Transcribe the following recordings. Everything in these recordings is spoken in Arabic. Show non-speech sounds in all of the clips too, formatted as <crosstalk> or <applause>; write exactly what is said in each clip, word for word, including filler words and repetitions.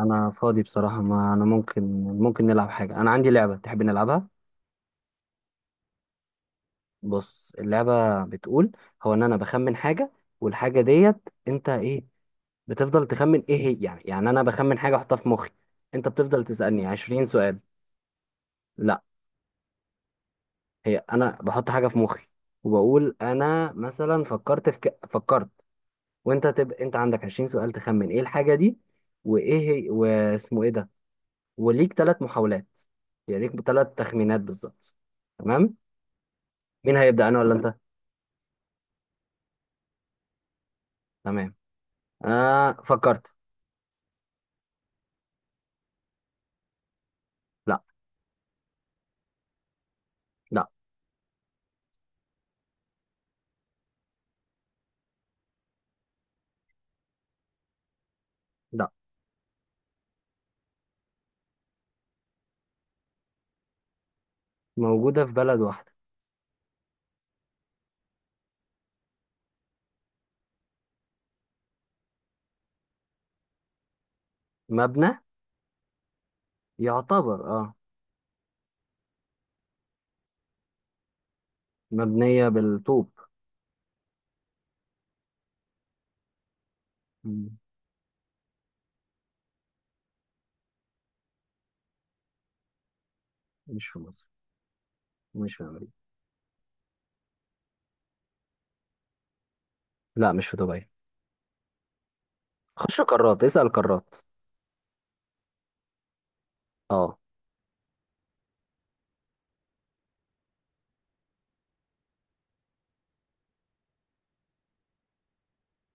انا فاضي بصراحة، ما انا ممكن ممكن نلعب حاجة. انا عندي لعبة، تحب نلعبها؟ بص، اللعبة بتقول هو ان انا بخمن حاجة، والحاجة ديت انت ايه بتفضل تخمن ايه هي. يعني يعني انا بخمن حاجة احطها في مخي، انت بتفضل تسألني عشرين سؤال. لا، هي انا بحط حاجة في مخي، وبقول انا مثلا فكرت في ك... فكرت. وانت تبقى انت عندك عشرين سؤال تخمن ايه الحاجة دي، وايه هي، واسمه ايه ده. وليك ثلاث محاولات، يعني ليك ثلاث تخمينات بالظبط. تمام، مين هيبدأ، انا ولا انت؟ تمام. آه فكرت. لا، لا، لا. موجودة في بلد واحدة. مبنى؟ يعتبر، اه. مبنية بالطوب. مم. مش في مصر. مش في امريكا. لا، مش في دبي. خش قارات، اسأل قارات. اه.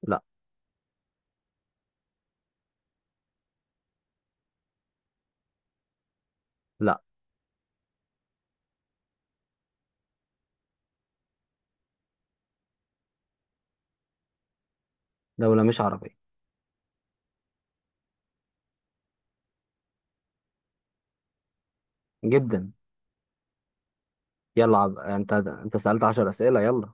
لا، لا. دولة مش عربية. جدا. يلا، عب... انت انت سألت عشر أسئلة، يلا.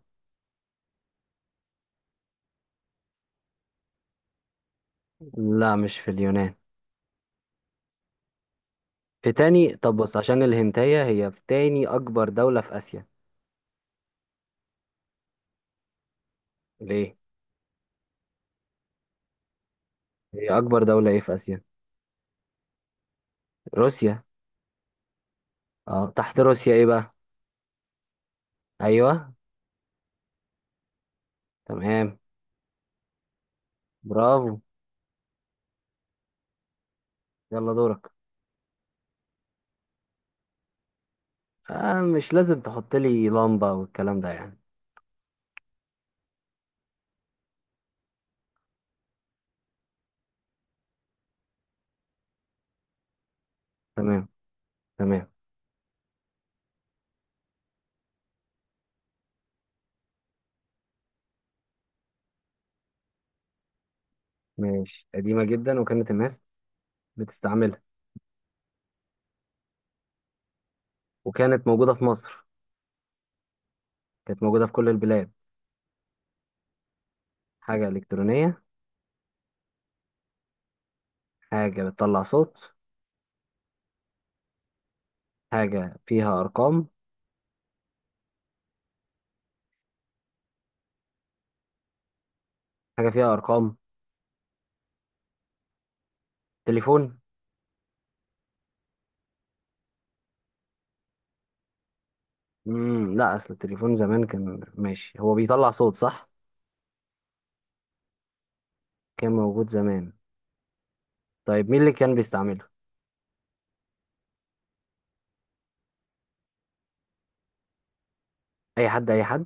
لا، مش في اليونان. في تاني، طب بص، عشان الهنتاية هي في تاني أكبر دولة في آسيا. ليه؟ هي أكبر دولة إيه في آسيا؟ روسيا. اه، تحت روسيا إيه بقى؟ ايوه. تمام. برافو. يلا دورك. آه، مش لازم تحط لي لمبة والكلام ده يعني. تمام، تمام. ماشي، قديمة جدا وكانت الناس بتستعملها. وكانت موجودة في مصر. كانت موجودة في كل البلاد. حاجة إلكترونية. حاجة بتطلع صوت. حاجة فيها أرقام. حاجة فيها أرقام. تليفون. مم، لا، أصل التليفون زمان كان ماشي، هو بيطلع صوت، صح؟ كان موجود زمان. طيب مين اللي كان بيستعمله؟ أي حد، أي حد.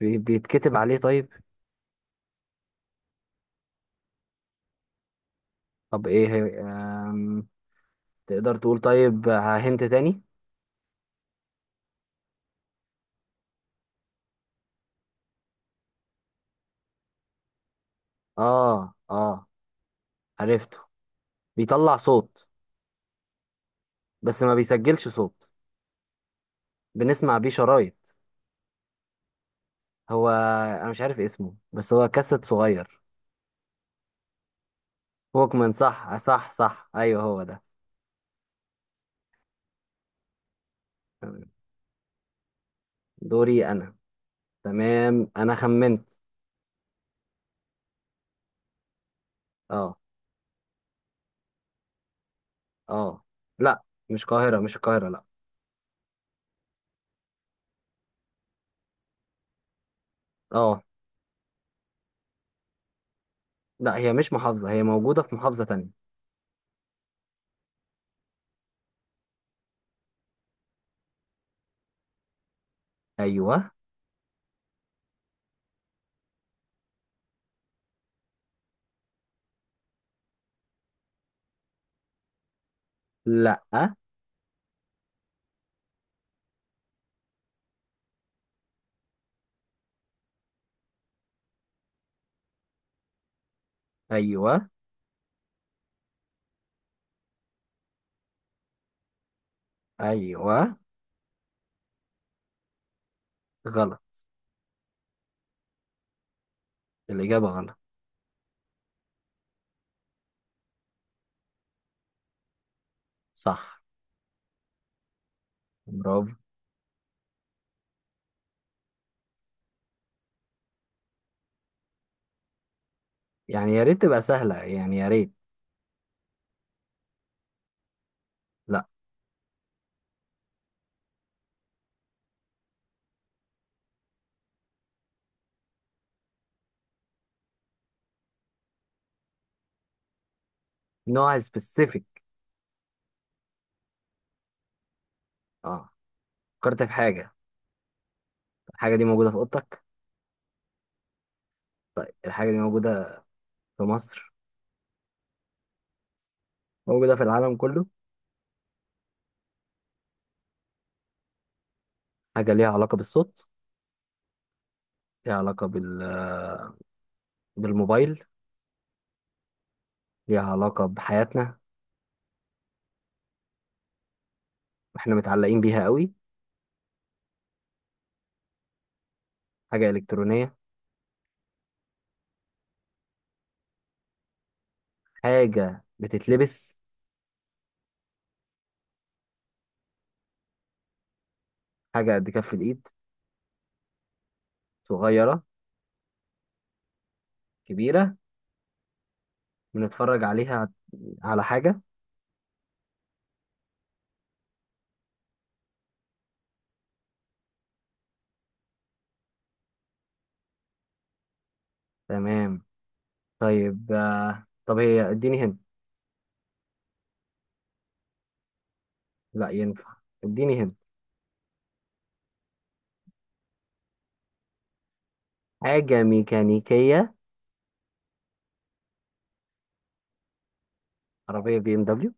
بي- بيتكتب عليه؟ طيب، طب إيه هي- آم، تقدر تقول طيب هنت تاني. اه، اه، عرفته. بيطلع صوت بس ما بيسجلش صوت، بنسمع بيه شرايط. هو انا مش عارف اسمه بس هو كاسيت صغير. ووكمان، صح، صح، صح، ايوه هو ده. تمام. دوري انا. تمام، انا خمنت. اه. اه. لا، مش القاهرة، مش القاهرة، لا. اه. لا، هي مش محافظة، هي موجودة في محافظة تانية. ايوه. لا. ايوه. ايوه. غلط. الإجابة غلط. صح. برافو. يعني يا ريت تبقى سهلة، يعني يا ريت. لا. نوع سبيسيفيك. اه. فكرت في حاجة. الحاجة دي موجودة في أوضتك؟ طيب، الحاجة دي موجودة في مصر. موجودة في العالم كله. حاجة ليها علاقة بالصوت. ليها علاقة بال... بالموبايل. ليها علاقة بحياتنا. واحنا متعلقين بيها قوي. حاجة إلكترونية. حاجة بتتلبس. حاجة قد كف الإيد. صغيرة. كبيرة. بنتفرج عليها، على حاجة. تمام. طيب، آه، طب هي اديني هنا. لا، ينفع، اديني هنا. حاجة ميكانيكية. عربية بي ام دبليو.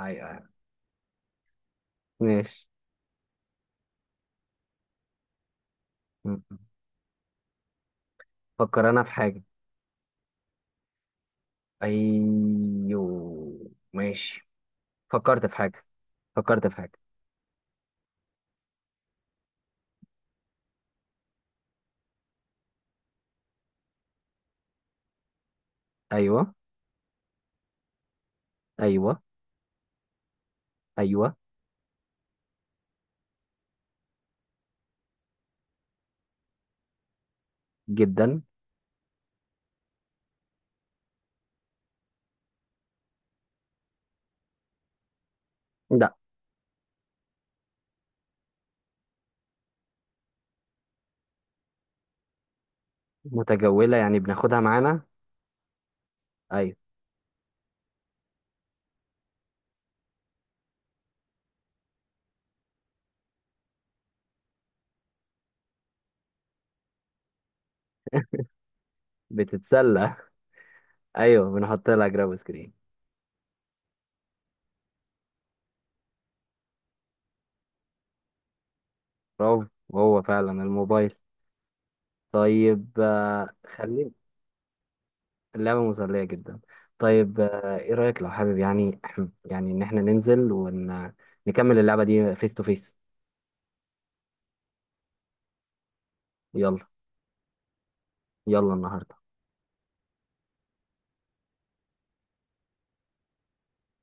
ايوه. ايوه. ماشي. م- م. فكر أنا في حاجة. أيوه، ماشي. فكرت في حاجة. فكرت في حاجة. أيوه. أيوه. أيوه. جدا. لا. متجولة يعني بناخدها معانا. أيوه. بتتسلى. <laughs> أيوه، بنحط لها جراب سكرين. برافو. هو فعلا الموبايل. طيب، آه، خلينا. اللعبة مسلية جدا. طيب، آه، ايه رأيك لو حابب يعني <clears throat> يعني ان احنا ننزل ونكمل اللعبة دي فيس تو فيس. يلا، يلا النهاردة.